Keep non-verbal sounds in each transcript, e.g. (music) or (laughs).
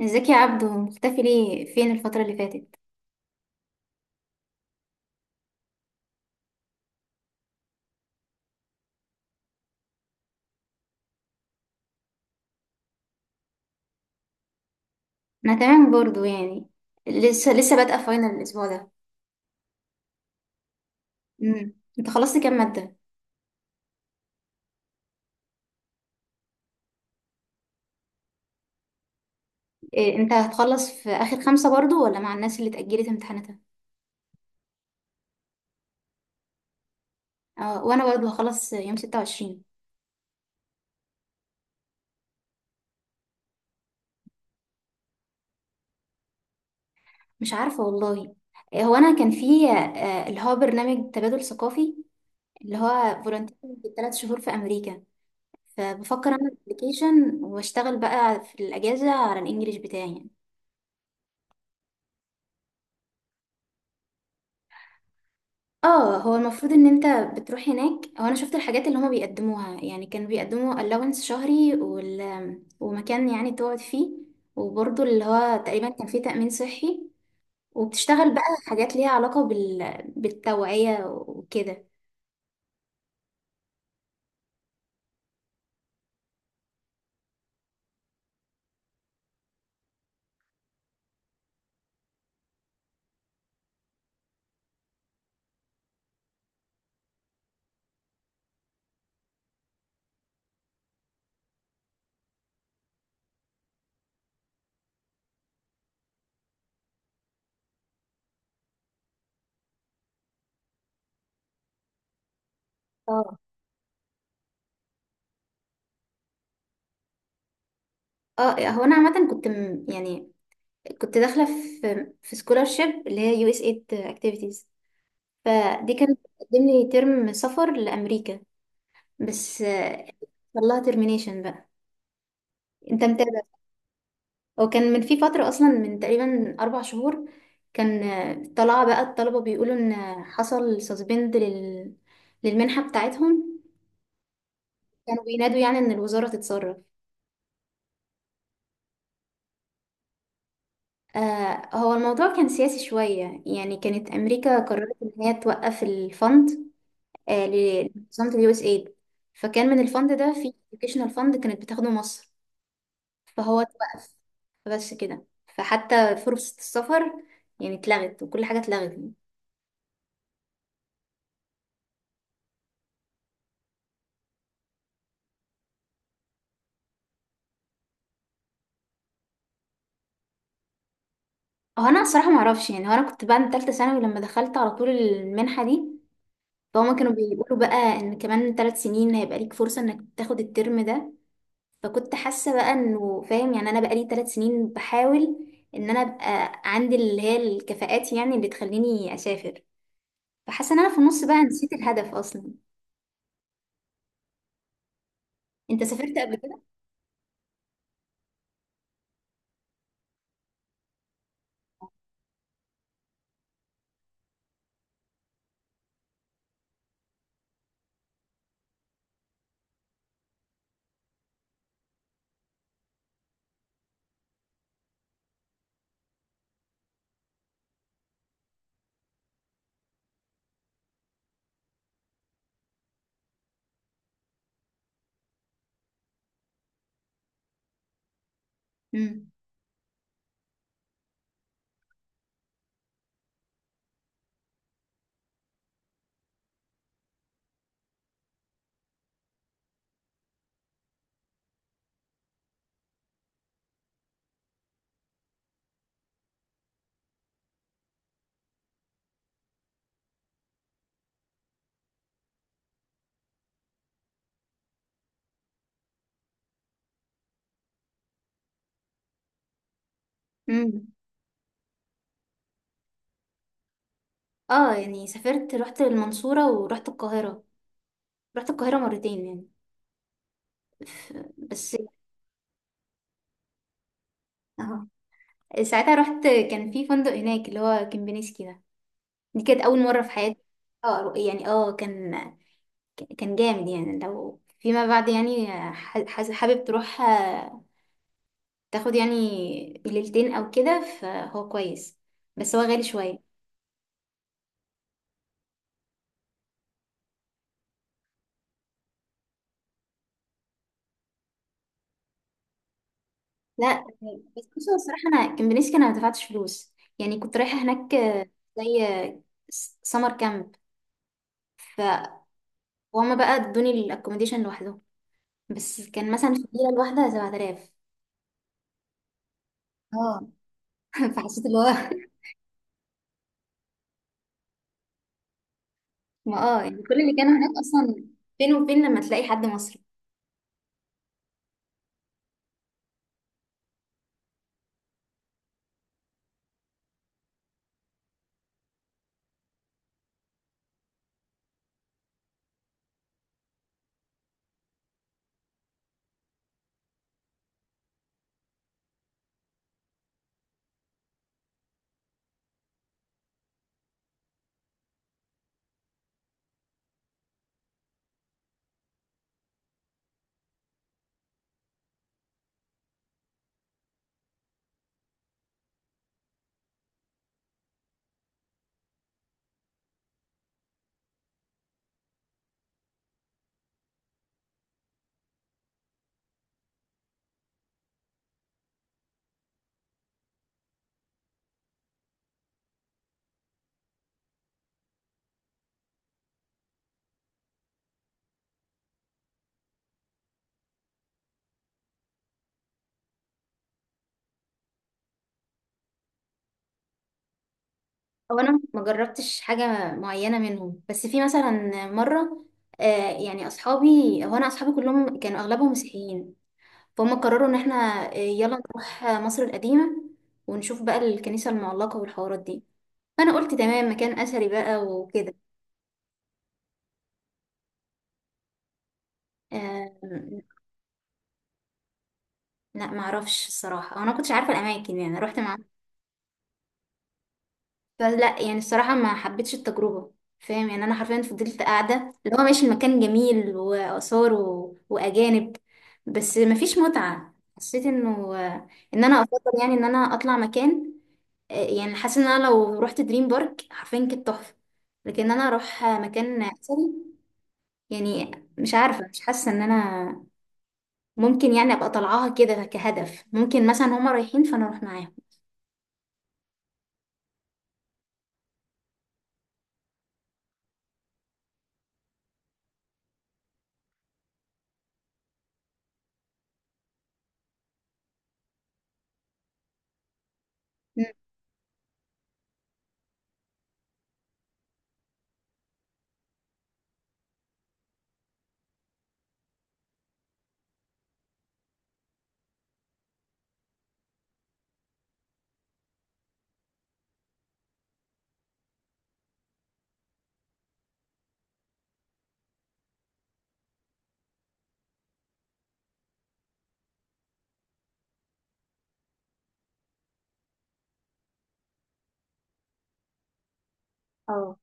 ازيك يا عبدو، مختفي ليه؟ فين الفترة اللي فاتت؟ انا تمام برضو يعني. لسه بادئة فاينل الاسبوع ده. امم انت خلصت كام مادة؟ إيه، انت هتخلص في اخر خمسة برضو، ولا مع الناس اللي اتأجلت امتحاناتها؟ اه، وانا برضو هخلص يوم 26. مش عارفة والله. إيه، هو انا كان في اللي هو برنامج تبادل ثقافي، اللي هو فولنتير بالثلاث شهور في امريكا. فبفكر اعمل ابلكيشن واشتغل بقى في الاجازة على الانجليش بتاعي يعني. اه، هو المفروض ان انت بتروح هناك. هو انا شفت الحاجات اللي هما بيقدموها يعني. كانوا بيقدموا allowance شهري ومكان يعني تقعد فيه، وبرضه اللي هو تقريبا كان فيه تأمين صحي. وبتشتغل بقى حاجات ليها علاقة بالتوعية وكده. اه، اه، هو انا عامة كنت يعني كنت داخلة في scholarship اللي هي USAID activities. فدي كانت بتقدم لي ترم سفر لأمريكا، بس حصل لها termination بقى. انت متابع؟ وكان من في فترة أصلا من تقريبا 4 شهور. كان طلع بقى الطلبة بيقولوا إن حصل سسبند للمنحة بتاعتهم. كانوا بينادوا يعني إن الوزارة تتصرف. آه، هو الموضوع كان سياسي شوية يعني. كانت أمريكا قررت إن هي توقف الفند آه لمنظمة اليو اس ايد. فكان من الفند ده في educational فند كانت بتاخده مصر. فهو اتوقف، بس كده. فحتى فرصة السفر يعني اتلغت، وكل حاجة اتلغت. هو انا الصراحه ما اعرفش يعني. هو انا كنت بعد ثالثه ثانوي لما دخلت على طول المنحه دي. فهم كانوا بيقولوا بقى ان كمان 3 سنين هيبقى ليك فرصه انك تاخد الترم ده. فكنت حاسه بقى انه فاهم، يعني انا بقى لي 3 سنين بحاول ان انا ابقى عندي اللي هي الكفاءات يعني اللي تخليني اسافر. فحاسه ان انا في النص بقى نسيت الهدف اصلا. انت سافرت قبل كده؟ امم امم اه يعني سافرت، رحت المنصوره ورحت القاهره. رحت القاهره مرتين يعني. ف- بس آه. ساعتها رحت كان في فندق هناك اللي هو كمبينيسكي ده. دي كانت اول مره في حياتي. اه، يعني اه، كان جامد يعني. لو فيما بعد يعني حابب تروح تاخد يعني ليلتين او كده فهو كويس. بس هو غالي شويه. لا، بس بصوا الصراحه انا كمبينيسكي انا ما دفعتش فلوس. يعني كنت رايحه هناك زي سمر كامب. فهم بقى ادوني الاكوموديشن لوحده. بس كان مثلا في الليله الواحده 7000. اه. (laughs) فحسيت اللي هو ما اه يعني. كل اللي كانوا هناك اصلا، فين وفين لما تلاقي حد مصري. او انا ما جربتش حاجه معينه منهم، بس في مثلا مره، آه يعني اصحابي. هو انا اصحابي كلهم كانوا اغلبهم مسيحيين. فهم قرروا ان احنا يلا نروح مصر القديمه ونشوف بقى الكنيسه المعلقه والحوارات دي. فانا قلت تمام، مكان اثري بقى وكده. آه. لا ما اعرفش الصراحه، أو انا ما كنتش عارفه الاماكن يعني، رحت مع. فلا يعني الصراحة ما حبيتش التجربة. فاهم يعني، أنا حرفيا فضلت قاعدة اللي هو ماشي. المكان جميل وآثار وأجانب، بس مفيش متعة. حسيت إنه إن أنا أفضل يعني إن أنا أطلع مكان، يعني حاسة إن أنا لو رحت دريم بارك حرفيا كانت تحفة. لكن أنا أروح مكان أثري يعني، مش عارفة. مش حاسة إن أنا ممكن يعني أبقى طالعاها كده كهدف. ممكن مثلا هما رايحين فأنا أروح معاهم. مم. اه،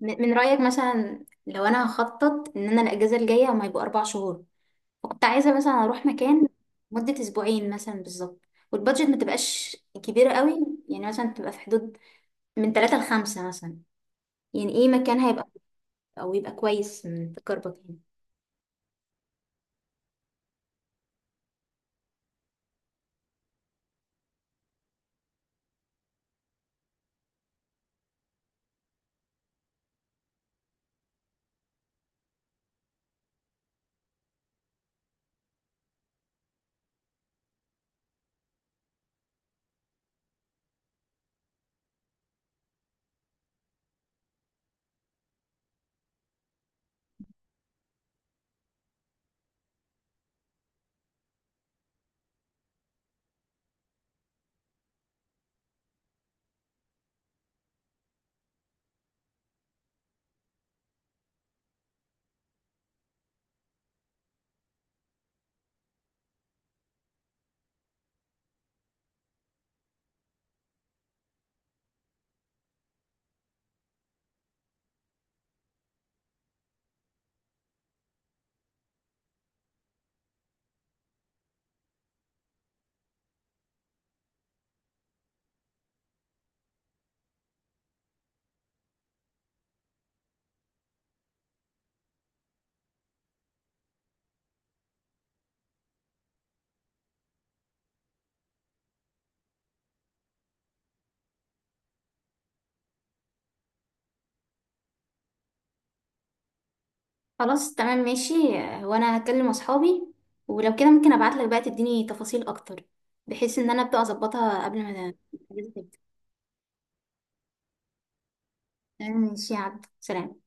من رأيك مثلا لو أنا هخطط إن أنا الأجازة الجاية هما يبقوا 4 شهور، فكنت عايزة مثلا أروح مكان مدة أسبوعين مثلا بالظبط، والبادجت ما تبقاش كبيرة قوي يعني، مثلا تبقى في حدود من ثلاثة لخمسة مثلا. يعني إيه مكان هيبقى أو يبقى كويس من تجربتك يعني؟ خلاص تمام ماشي. هو أنا هكلم أصحابي، ولو كده ممكن أبعتلك بقى تديني تفاصيل أكتر، بحيث إن أنا أبدأ أظبطها قبل ما الأجازة تبدأ. ماشي يا عبد سلام.